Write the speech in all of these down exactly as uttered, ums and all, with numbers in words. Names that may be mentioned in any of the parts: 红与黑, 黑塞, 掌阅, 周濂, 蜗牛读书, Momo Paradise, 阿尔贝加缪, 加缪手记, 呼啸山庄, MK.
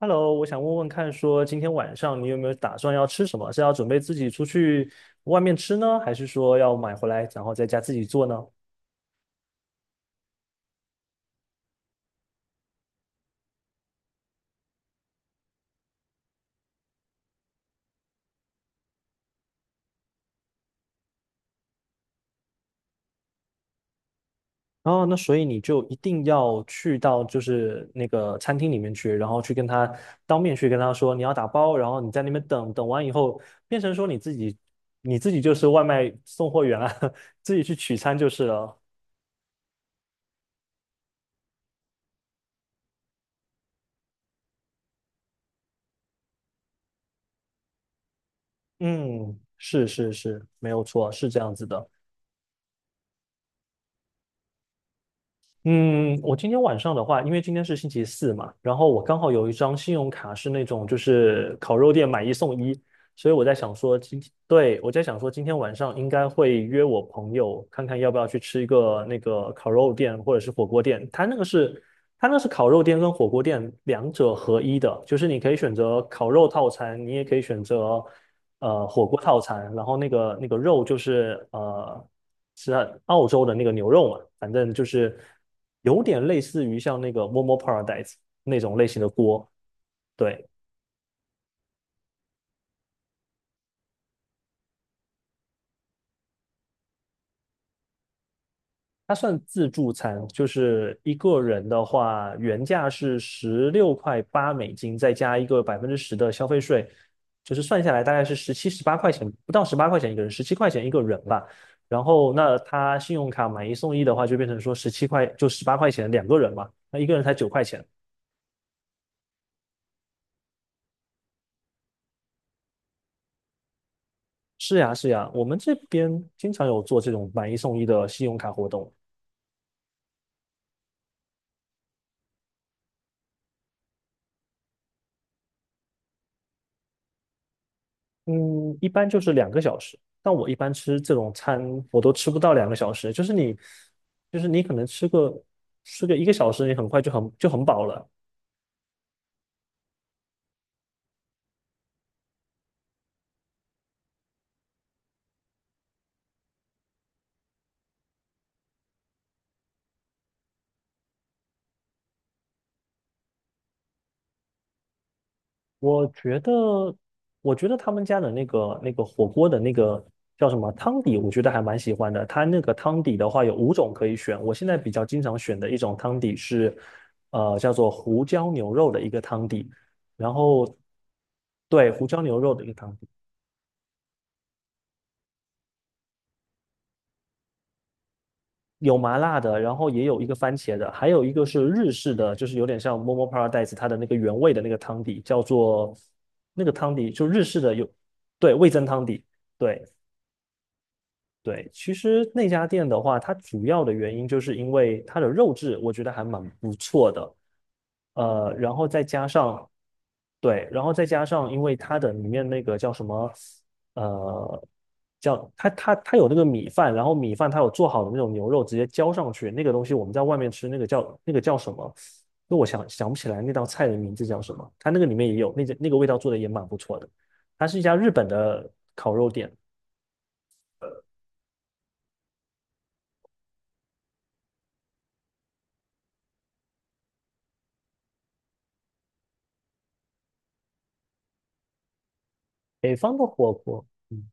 Hello,我想问问看，说今天晚上你有没有打算要吃什么？是要准备自己出去外面吃呢，还是说要买回来然后在家自己做呢？哦，那所以你就一定要去到就是那个餐厅里面去，然后去跟他当面去跟他说你要打包，然后你在那边等等完以后，变成说你自己你自己就是外卖送货员啊，自己去取餐就是了。嗯，是是是，没有错，是这样子的。嗯，我今天晚上的话，因为今天是星期四嘛，然后我刚好有一张信用卡是那种就是烤肉店买一送一，所以我在想说今天，对，我在想说今天晚上应该会约我朋友看看要不要去吃一个那个烤肉店或者是火锅店，它那个是它那是烤肉店跟火锅店两者合一的，就是你可以选择烤肉套餐，你也可以选择。呃火锅套餐，然后那个那个肉就是呃是澳洲的那个牛肉嘛，反正就是有点类似于像那个 Momo Paradise 那种类型的锅，对，它算自助餐，就是一个人的话，原价是十六块八美金，再加一个百分之十的消费税，就是算下来大概是十七、十八块钱，不到十八块钱一个人，十七块钱一个人吧。然后那他信用卡买一送一的话，就变成说十七块，就十八块钱两个人嘛，那一个人才九块钱。是呀，是呀，我们这边经常有做这种买一送一的信用卡活动。嗯，一般就是两个小时，但我一般吃这种餐，我都吃不到两个小时。就是你，就是你可能吃个吃个一个小时，你很快就很就很饱了。我觉得，我觉得他们家的那个那个火锅的那个叫什么汤底，我觉得还蛮喜欢的。它那个汤底的话有五种可以选，我现在比较经常选的一种汤底是，呃，叫做胡椒牛肉的一个汤底。然后，对，胡椒牛肉的一个汤有麻辣的，然后也有一个番茄的，还有一个是日式的，就是有点像 Momo Paradise 它的那个原味的那个汤底，叫做那个汤底就日式的有，对，味增汤底，对对。其实那家店的话，它主要的原因就是因为它的肉质我觉得还蛮不错的，呃，然后再加上对，然后再加上，因为它的里面那个叫什么，呃，叫它它它有那个米饭，然后米饭它有做好的那种牛肉直接浇上去，那个东西我们在外面吃，那个叫那个叫什么？那我想想不起来那道菜的名字叫什么。它那个里面也有那个那个味道做的也蛮不错的。它是一家日本的烤肉店，北方的火锅。嗯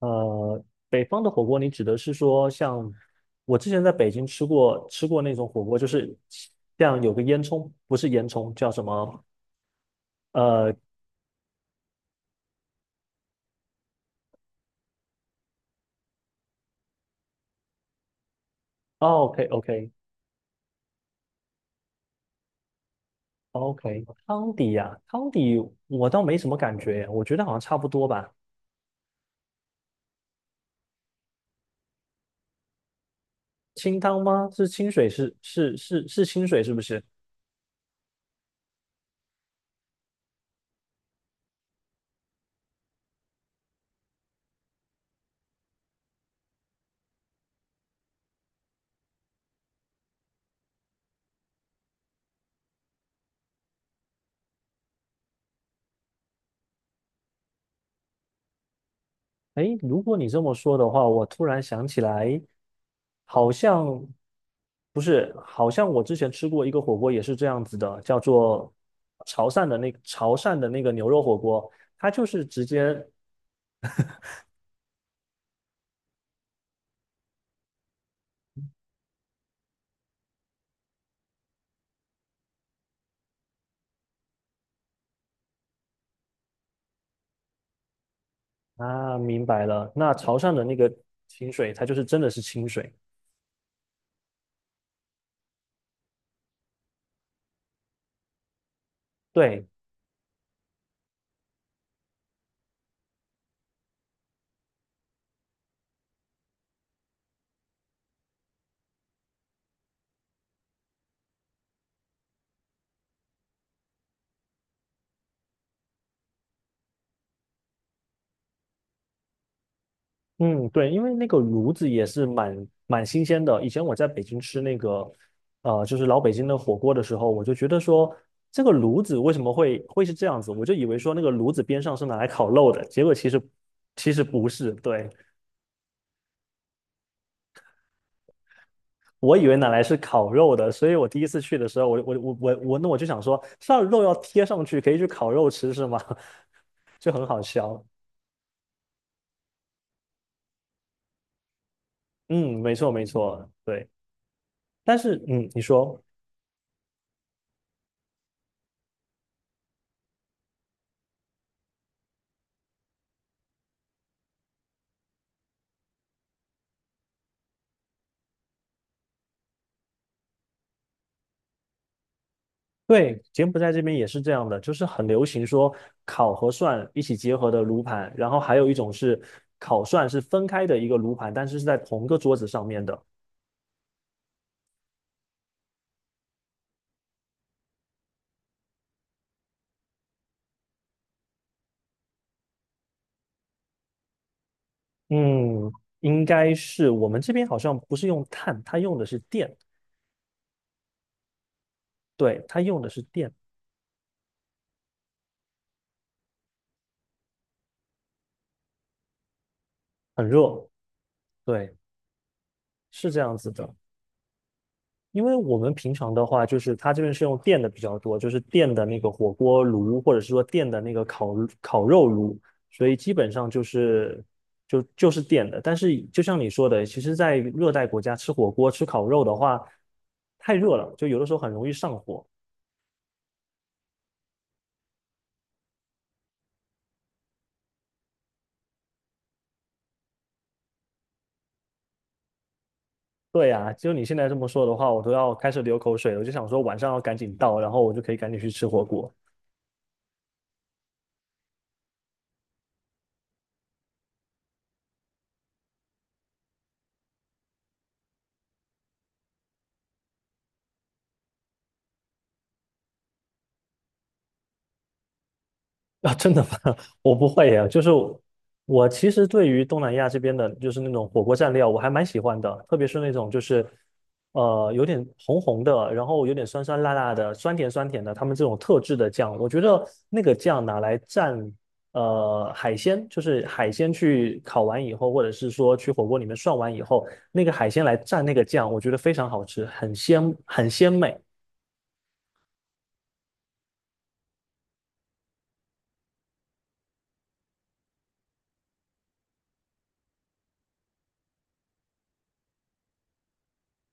呃，北方的火锅，你指的是说像我之前在北京吃过吃过那种火锅，就是像有个烟囱，不是烟囱，叫什么？呃，OK OK OK，汤底呀、汤底我倒没什么感觉耶我觉得好像差不多吧。清汤吗？是清水是是是是清水是不是？诶，如果你这么说的话，我突然想起来，好像不是，好像我之前吃过一个火锅也是这样子的，叫做潮汕的那潮汕的那个牛肉火锅，它就是直接啊，明白了，那潮汕的那个清水，它就是真的是清水，对，嗯，对，因为那个炉子也是蛮蛮新鲜的。以前我在北京吃那个，呃，就是老北京的火锅的时候，我就觉得说，这个炉子为什么会会是这样子？我就以为说那个炉子边上是拿来烤肉的，结果其实其实不是。对，我以为拿来是烤肉的，所以我第一次去的时候，我我我我我那我就想说，上肉要贴上去，可以去烤肉吃是吗？就很好笑。嗯，没错没错，对。但是嗯，你说。对，柬埔寨这边也是这样的，就是很流行说烤和涮一起结合的炉盘，然后还有一种是烤涮是分开的一个炉盘，但是是在同个桌子上面的。嗯，应该是我们这边好像不是用炭，它用的是电，对，它用的是电，很热，对，是这样子的。因为我们平常的话，就是它这边是用电的比较多，就是电的那个火锅炉，或者是说电的那个烤烤肉炉，所以基本上就是就就是电的。但是就像你说的，其实，在热带国家吃火锅、吃烤肉的话，太热了，就有的时候很容易上火。对呀，就你现在这么说的话，我都要开始流口水了。我就想说晚上要赶紧到，然后我就可以赶紧去吃火锅。啊，真的吗？我不会呀，就是我其实对于东南亚这边的，就是那种火锅蘸料，我还蛮喜欢的，特别是那种就是呃有点红红的，然后有点酸酸辣辣的，酸甜酸甜的，他们这种特制的酱，我觉得那个酱拿来蘸呃海鲜，就是海鲜去烤完以后，或者是说去火锅里面涮完以后，那个海鲜来蘸那个酱，我觉得非常好吃，很鲜很鲜美。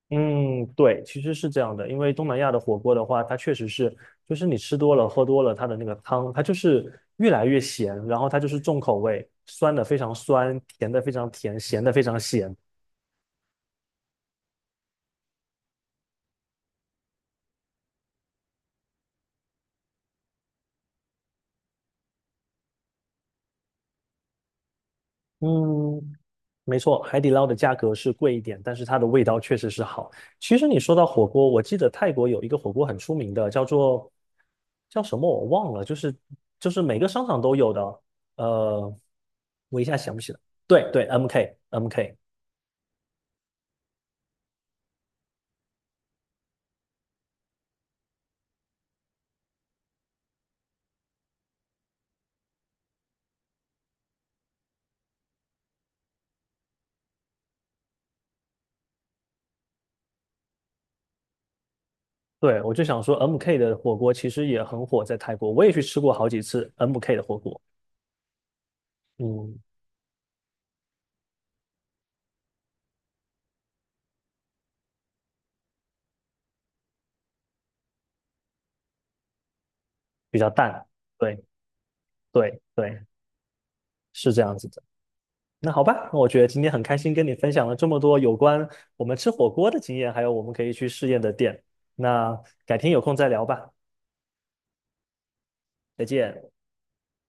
嗯，对，其实是这样的，因为东南亚的火锅的话，它确实是，就是你吃多了、喝多了，它的那个汤，它就是越来越咸，然后它就是重口味，酸的非常酸，甜的非常甜，咸的非常咸。嗯，没错，海底捞的价格是贵一点，但是它的味道确实是好。其实你说到火锅，我记得泰国有一个火锅很出名的，叫做叫什么我忘了，就是就是每个商场都有的，呃，我一下想不起来。对对，M K M K。对，我就想说，MK 的火锅其实也很火，在泰国，我也去吃过好几次 M K 的火锅，嗯，比较淡，对对对，是这样子的。那好吧，那我觉得今天很开心跟你分享了这么多有关我们吃火锅的经验，还有我们可以去试验的店。那改天有空再聊吧，再见。